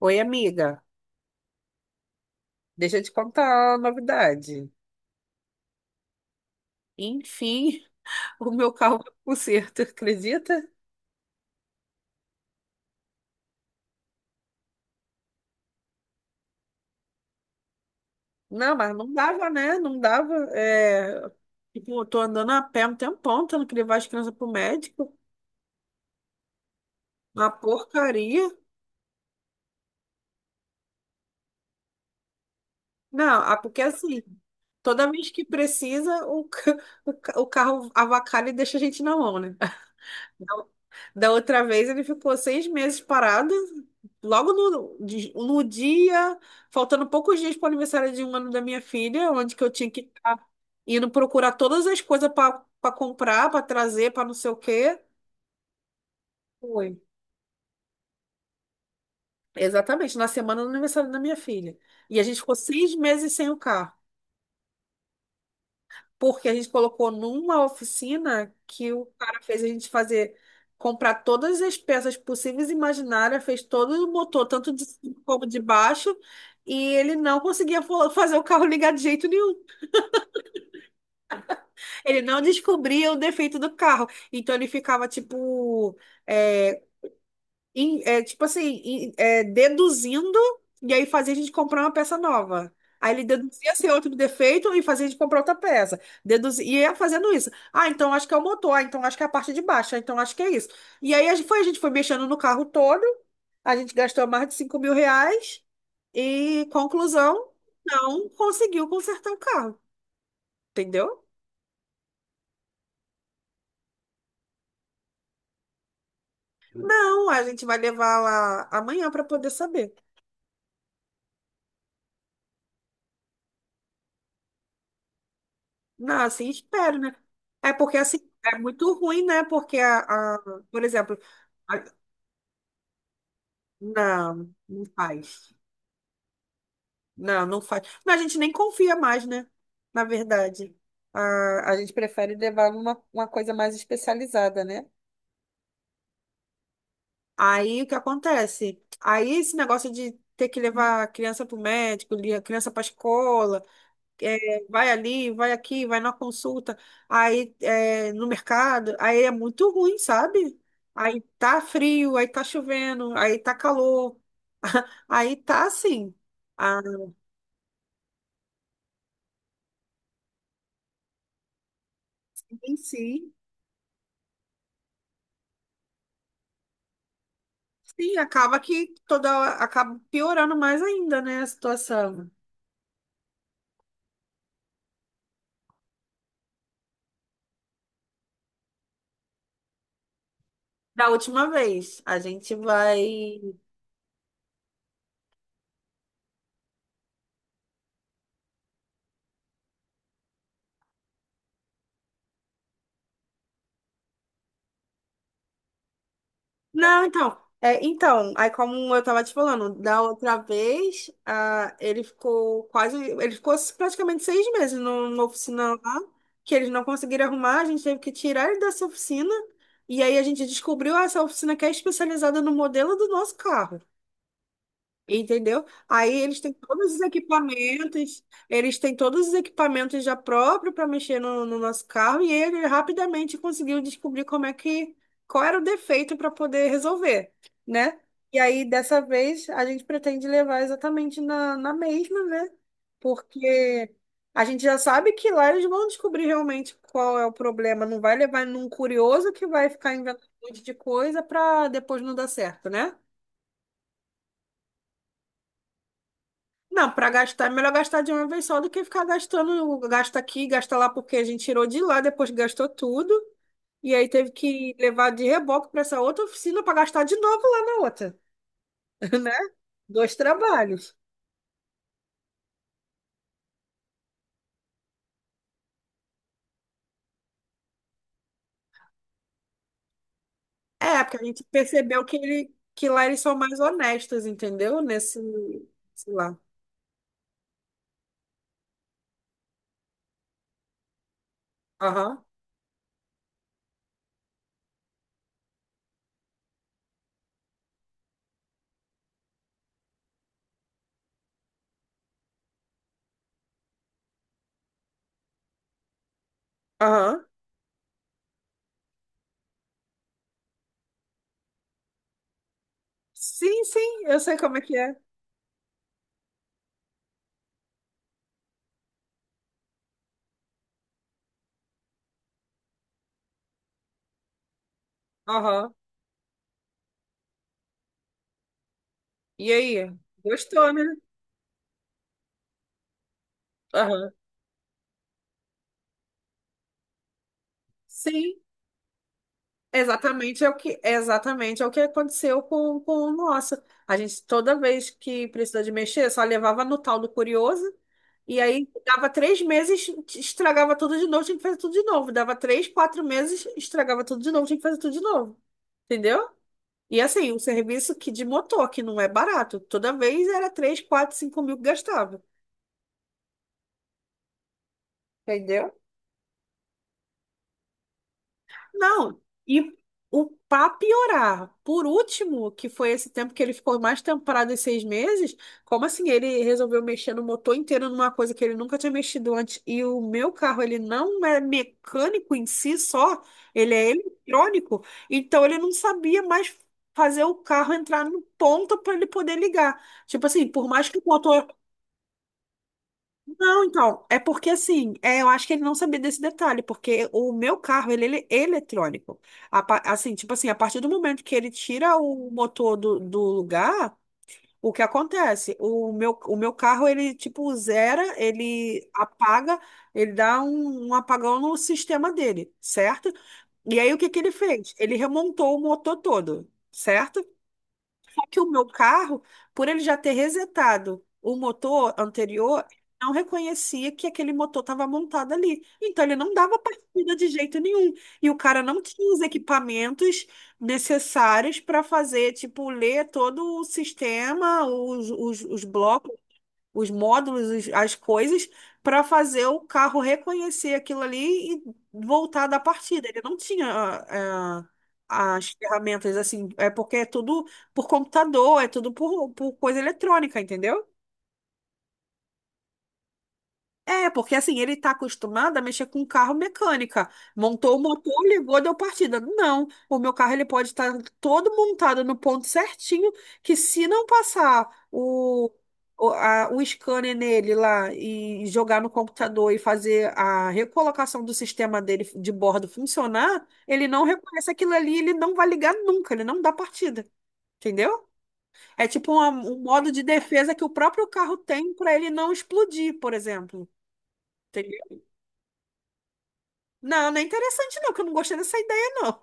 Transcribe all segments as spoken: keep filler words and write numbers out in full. Oi, amiga. Deixa eu te contar a novidade. Enfim, o meu carro foi pro conserto, acredita? Não, mas não dava, né? Não dava. É... Tipo, eu tô andando a pé um tempão, tendo que levar as crianças pro médico. Uma porcaria. Não, ah, porque assim, toda vez que precisa, o, ca- o ca- o carro avacalha e deixa a gente na mão, né? Da da outra vez ele ficou seis meses parado, logo no, de- no dia, faltando poucos dias para o aniversário de um ano da minha filha, onde que eu tinha que estar indo procurar todas as coisas para comprar, para trazer, para não sei o quê. Foi. Exatamente, na semana do aniversário da minha filha. E a gente ficou seis meses sem o carro. Porque a gente colocou numa oficina que o cara fez a gente fazer, comprar todas as peças possíveis e imaginárias, fez todo o motor, tanto de cima como de baixo, e ele não conseguia fa- fazer o carro ligar de jeito nenhum. Ele não descobria o defeito do carro. Então ele ficava tipo. eh, em- é, tipo assim, em- é, deduzindo, e aí fazia a gente comprar uma peça nova. Aí ele deduzia ser outro defeito e fazia a gente comprar outra peça. Deduzia, e ia fazendo isso. Ah, então acho que é o motor, ah, então acho que é a parte de baixo, ah, então acho que é isso. E aí a gente foi, a gente foi mexendo no carro todo, a gente gastou mais de cinco mil reais e, conclusão, não conseguiu consertar o carro, entendeu? Não, a gente vai levar lá amanhã para poder saber. Não, assim espero, né? É porque assim, é muito ruim, né? Porque a, a- por exemplo, a- não, não faz. Não, não faz. Não, a gente nem confia mais, né? Na verdade. A, a gente prefere levar uma, uma coisa mais especializada, né? Aí o que acontece? Aí esse negócio de ter que levar a criança para o médico, li- a criança para a escola. É, vai ali, vai aqui, vai na consulta, aí é, no mercado, aí é muito ruim, sabe? Aí tá frio, aí tá chovendo, aí tá calor, aí tá assim. Aí sim, sim, acaba que toda acaba piorando mais ainda, né, a situação. Da última vez, a gente vai. Não, então. É, então, aí como eu tava te falando, da outra vez, ah, ele ficou quase, ele ficou praticamente seis meses no- numa oficina lá, que eles não conseguiram arrumar, a gente teve que tirar ele dessa oficina, e aí a gente descobriu ah, essa oficina que é especializada no modelo do nosso carro. Entendeu? Aí eles têm todos os equipamentos, eles têm todos os equipamentos já próprios para mexer no, no nosso carro e ele rapidamente conseguiu descobrir como é que, qual era o defeito para poder resolver, né? E aí, dessa vez, a gente pretende levar exatamente na, na mesma, né? Porque a gente já sabe que lá eles vão descobrir realmente qual é o problema, não vai levar num curioso que vai ficar inventando um monte de coisa para depois não dar certo, né? Não, para gastar, é melhor gastar de uma vez só do que ficar gastando, gasta aqui, gasta lá, porque a gente tirou de lá, depois gastou tudo, e aí teve que levar de reboque para essa outra oficina para gastar de novo lá na outra, né? Dois trabalhos. É, porque a gente percebeu que, ele, que lá eles são mais honestos, entendeu? Nesse, sei lá. Aham, aham. Sim, sim, eu sei como é que é. Aham. E aí? Gostou, né? Aham. Sim. Exatamente é o que, exatamente é o que aconteceu com, com o nosso. A gente, toda vez que precisou de mexer, só levava no tal do curioso, e aí dava três meses, estragava tudo de novo, tinha que fazer tudo de novo. Dava três, quatro meses, estragava tudo de novo, tinha que fazer tudo de novo. Entendeu? E assim, um serviço que de motor, que não é barato. Toda vez era três, quatro, cinco mil que gastava. Entendeu? Não, e o pra piorar, por último, que foi esse tempo que ele ficou mais temporada e seis meses, como assim ele resolveu mexer no motor inteiro numa coisa que ele nunca tinha mexido antes? E o meu carro, ele não é mecânico em si só, ele é eletrônico, então ele não sabia mais fazer o carro entrar no ponto para ele poder ligar. Tipo assim, por mais que o motor não, então, é porque assim, é, eu acho que ele não sabia desse detalhe, porque o meu carro, ele, ele é eletrônico. A pa- assim, tipo assim, a partir do momento que ele tira o motor do, do lugar, o que acontece? O meu, o meu carro, ele tipo zera, ele apaga, ele dá um, um apagão no sistema dele, certo? E aí o que que ele fez? Ele remontou o motor todo, certo? Só que o meu carro, por ele já ter resetado o motor anterior, não reconhecia que aquele motor estava montado ali. Então ele não dava partida de jeito nenhum. E o cara não tinha os equipamentos necessários para fazer, tipo, ler todo o sistema, os, os, os blocos os módulos, os- as coisas, para fazer o carro reconhecer aquilo ali e voltar da partida. Ele não tinha eh, eh, as ferramentas assim, é porque é tudo por computador, é tudo por, por coisa eletrônica, entendeu? É, porque assim, ele tá acostumado a mexer com carro mecânica. Montou o motor, ligou, deu partida. Não, o meu carro ele pode estar todo montado no ponto certinho, que se não passar o, o, a- o scanner nele lá e jogar no computador e fazer a recolocação do sistema dele de bordo funcionar, ele não reconhece aquilo ali, ele não vai ligar nunca, ele não dá partida. Entendeu? É tipo uma- um modo de defesa que o próprio carro tem para ele não explodir, por exemplo. Não, não é interessante não, que eu não gostei dessa ideia não.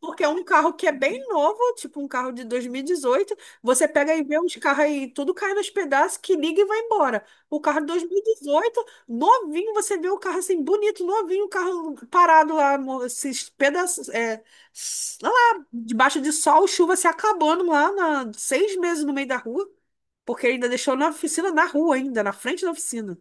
Porque é um carro que é bem novo, tipo um carro de dois mil e dezoito. Você pega e vê uns carros aí, tudo cai nos pedaços, que liga e vai embora. O carro de dois mil e dezoito, novinho, você vê o carro assim, bonito, novinho, o carro parado lá, mo- esses pedaços, é, s- lá, debaixo de sol, chuva se acabando lá, na, seis meses no meio da rua, porque ainda deixou na oficina, na rua ainda, na frente da oficina.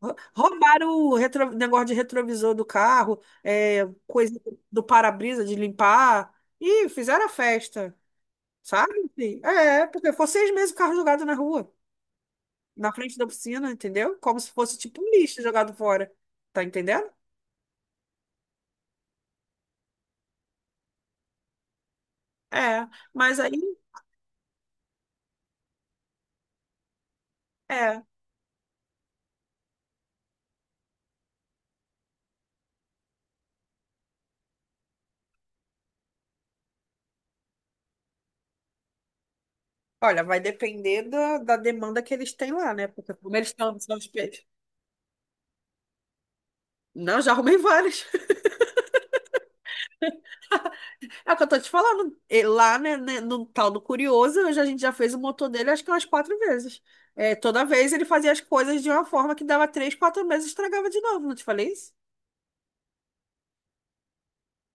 Rou- Roubaram o retro- negócio de retrovisor do carro, é, coisa do para-brisa de limpar, e fizeram a festa, sabe? Assim, é, porque foi seis meses o carro jogado na rua, na frente da oficina, entendeu? Como se fosse tipo um lixo jogado fora, tá entendendo? É, mas aí, é, olha, vai depender da, da demanda que eles têm lá, né? Porque como eles estão, são os pe- Não, já arrumei vários. É o que eu tô te falando. E lá, né, né, no tal do Curioso, eu já- a gente já fez o motor dele acho que umas quatro vezes. É, toda vez ele fazia as coisas de uma forma que dava três, quatro meses e estragava de novo, não te falei isso?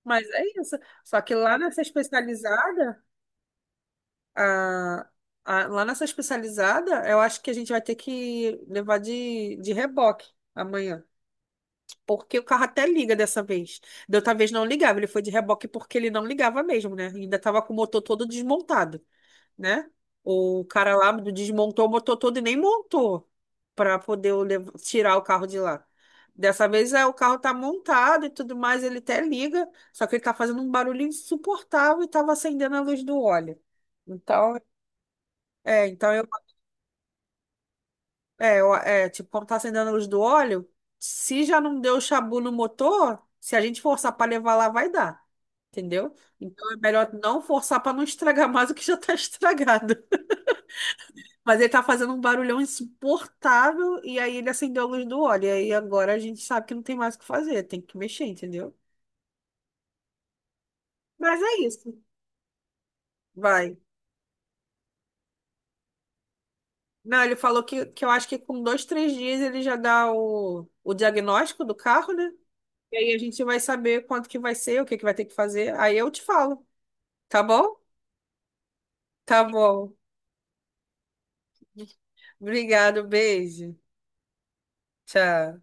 Mas é isso. Só que lá nessa especializada, a, a- lá nessa especializada, eu acho que a gente vai ter que levar de, de reboque amanhã. Porque o carro até liga dessa vez. Da outra vez não ligava, ele foi de reboque porque ele não ligava mesmo, né? Ainda tava com o motor todo desmontado. Né? O cara lá desmontou o motor todo e nem montou para poder o lev- tirar o carro de lá. Dessa vez é, o carro tá montado e tudo mais, ele até liga, só que ele tá fazendo um barulho insuportável e tava acendendo a luz do óleo. Então, é, então eu, é, eu- é, tipo, quando tá acendendo a luz do óleo, se já não deu chabu no motor, se a gente forçar para levar lá, vai dar, entendeu? Então é melhor não forçar para não estragar mais o que já tá estragado. Mas ele tá fazendo um barulhão insuportável e aí ele acendeu a luz do óleo. E aí agora a gente sabe que não tem mais o que fazer, tem que mexer, entendeu? Mas é isso. Vai. Não, ele falou que, que eu acho que com dois, três dias ele já dá o, o diagnóstico do carro, né? E aí a gente vai saber quanto que vai ser, o que que vai ter que fazer. Aí eu te falo, tá bom? Tá bom. Obrigado, beijo. Tchau.